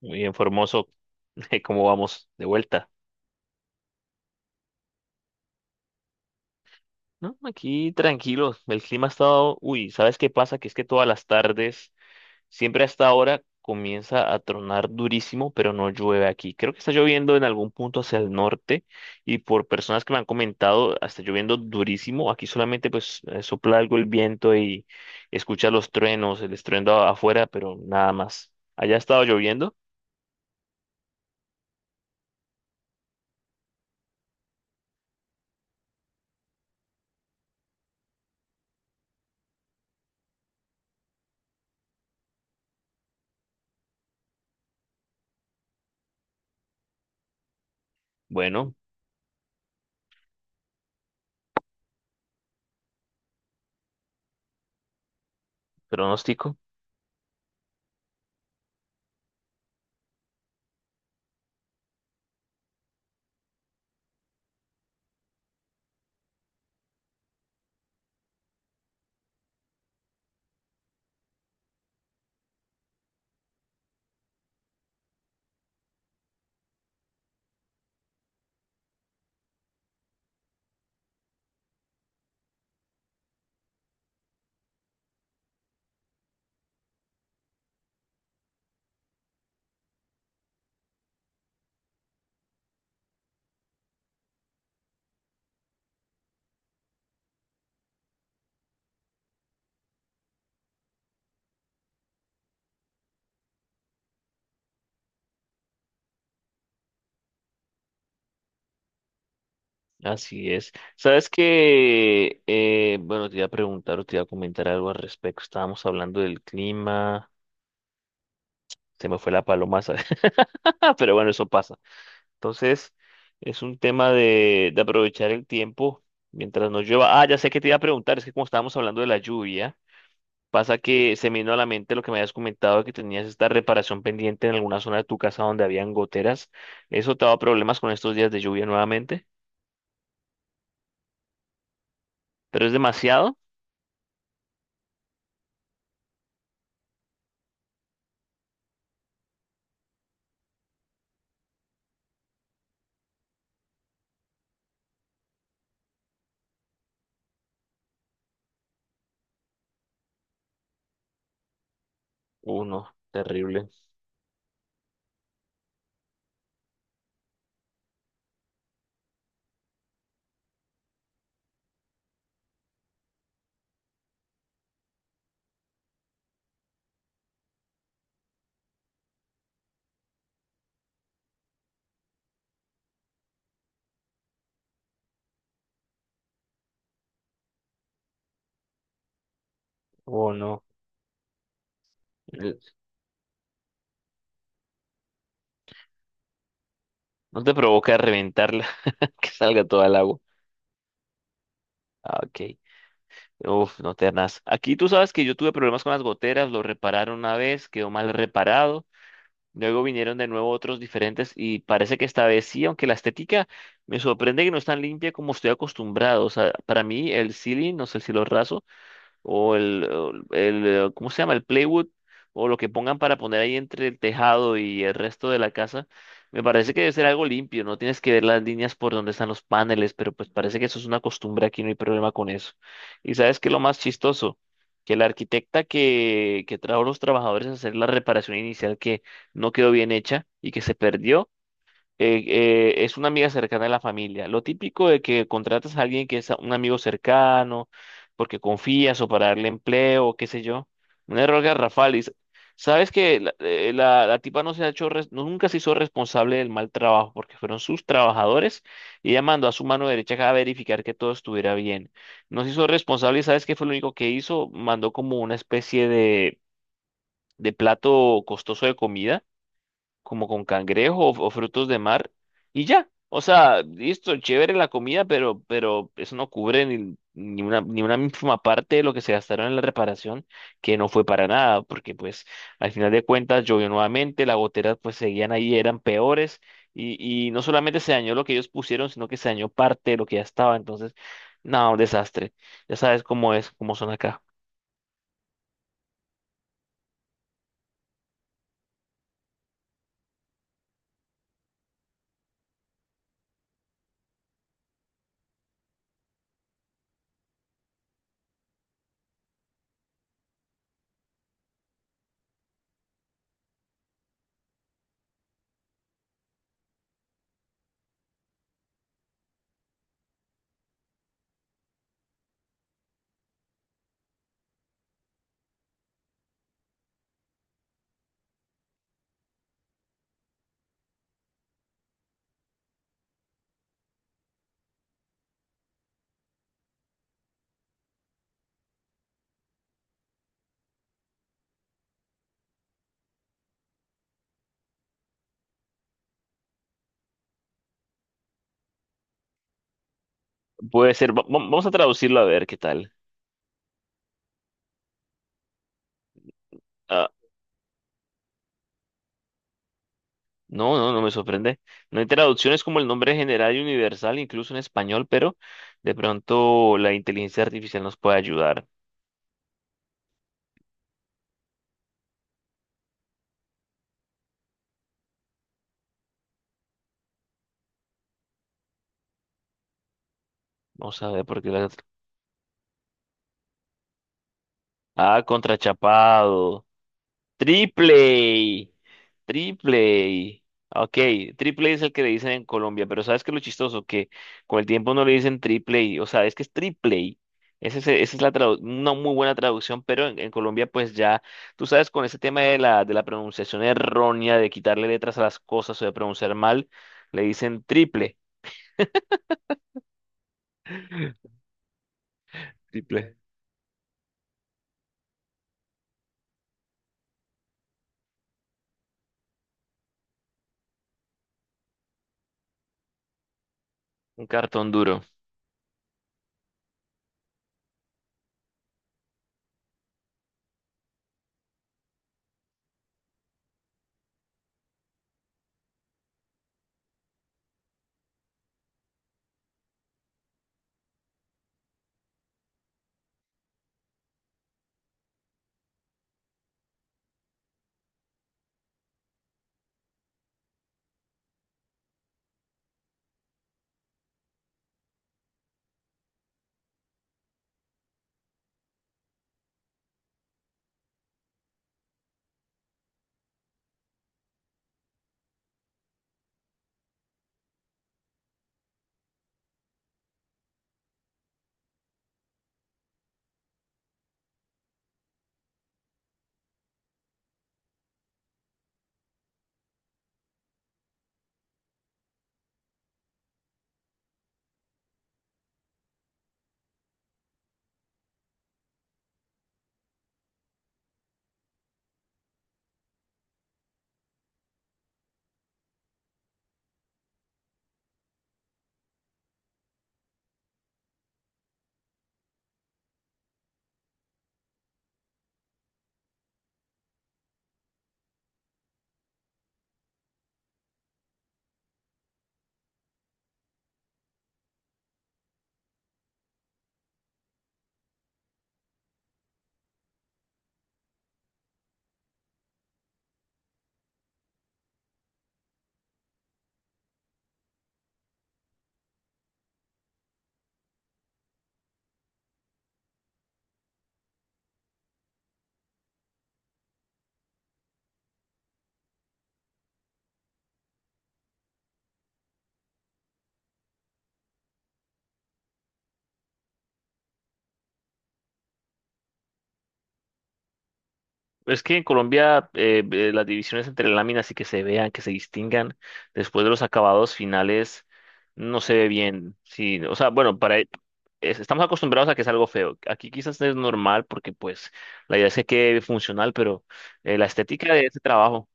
Muy bien, Formoso. ¿Cómo vamos? De vuelta. No, aquí tranquilos. El clima ha estado. Uy, ¿sabes qué pasa? Que es que todas las tardes, siempre hasta ahora, comienza a tronar durísimo, pero no llueve aquí. Creo que está lloviendo en algún punto hacia el norte y por personas que me han comentado, está lloviendo durísimo. Aquí solamente pues sopla algo el viento y escucha los truenos, el estruendo afuera, pero nada más. ¿Allá ha estado lloviendo? Bueno, pronóstico. Así es. Sabes que, bueno, te iba a preguntar o te iba a comentar algo al respecto. Estábamos hablando del clima, se me fue la paloma, ¿sabes? Pero bueno, eso pasa. Entonces, es un tema de aprovechar el tiempo mientras no llueva. Ah, ya sé que te iba a preguntar, es que como estábamos hablando de la lluvia, pasa que se me vino a la mente lo que me habías comentado de que tenías esta reparación pendiente en alguna zona de tu casa donde habían goteras. ¿Eso te ha dado problemas con estos días de lluvia nuevamente? ¿Pero es demasiado? Uno, terrible. Oh, no. El- No te provoca reventarla, que salga toda el agua. Ah, ok. Uf, no te arnas. Aquí tú sabes que yo tuve problemas con las goteras, lo repararon una vez, quedó mal reparado. Luego vinieron de nuevo otros diferentes y parece que esta vez sí, aunque la estética me sorprende que no es tan limpia como estoy acostumbrado. O sea, para mí el ceiling, no sé si lo raso, o el, ¿cómo se llama? El playwood, o lo que pongan para poner ahí entre el tejado y el resto de la casa, me parece que debe ser algo limpio, no tienes que ver las líneas por donde están los paneles, pero pues parece que eso es una costumbre aquí, no hay problema con eso. ¿Y sabes qué es lo más chistoso? Que la arquitecta que trajo a los trabajadores a hacer la reparación inicial que no quedó bien hecha y que se perdió, es una amiga cercana de la familia. Lo típico de que contratas a alguien que es un amigo cercano, porque confías o para darle empleo, qué sé yo. Un error garrafal. Sabes que la, la tipa no se ha hecho, nunca se hizo responsable del mal trabajo, porque fueron sus trabajadores y ella mandó a su mano derecha a verificar que todo estuviera bien. No se hizo responsable y sabes qué fue lo único que hizo, mandó como una especie de plato costoso de comida como con cangrejo o frutos de mar y ya. O sea, listo, chévere la comida, pero eso no cubre ni una, ni una mínima parte de lo que se gastaron en la reparación, que no fue para nada, porque pues al final de cuentas llovió nuevamente, las goteras pues seguían ahí, eran peores, y no solamente se dañó lo que ellos pusieron, sino que se dañó parte de lo que ya estaba. Entonces, no, un desastre. Ya sabes cómo es, cómo son acá. Puede ser, vamos a traducirlo a ver qué tal. No, no, no me sorprende. No hay traducciones como el nombre general y universal, incluso en español, pero de pronto la inteligencia artificial nos puede ayudar. Vamos a ver por qué la... Ah, contrachapado. Triple. Triple. Ok, triple es el que le dicen en Colombia, pero ¿sabes qué es lo chistoso? Que con el tiempo no le dicen triple, o sea, es que es triple. Esa es una muy buena traducción, pero en Colombia pues ya, tú sabes, con ese tema de la pronunciación errónea, de quitarle letras a las cosas o de pronunciar mal, le dicen triple. Triple. Un cartón duro. Es que en Colombia las divisiones entre láminas y que se vean, que se distingan después de los acabados finales, no se ve bien. Sí, o sea, bueno, estamos acostumbrados a que es algo feo. Aquí quizás es normal porque pues la idea es que quede funcional, pero la estética de ese trabajo.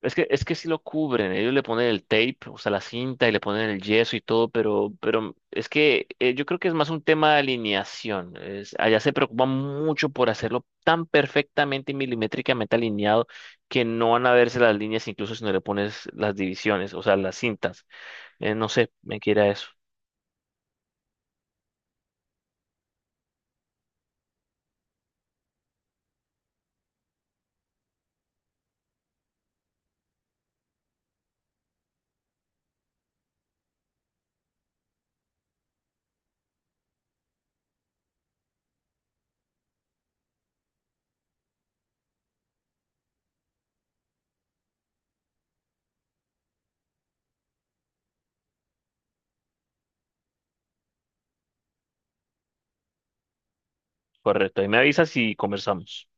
Es que sí lo cubren, ellos le ponen el tape, o sea, la cinta y le ponen el yeso y todo, pero es que yo creo que es más un tema de alineación. Allá se preocupan mucho por hacerlo tan perfectamente y milimétricamente alineado que no van a verse las líneas, incluso si no le pones las divisiones, o sea, las cintas. No sé, me quiera eso. Correcto, ahí me avisas y conversamos.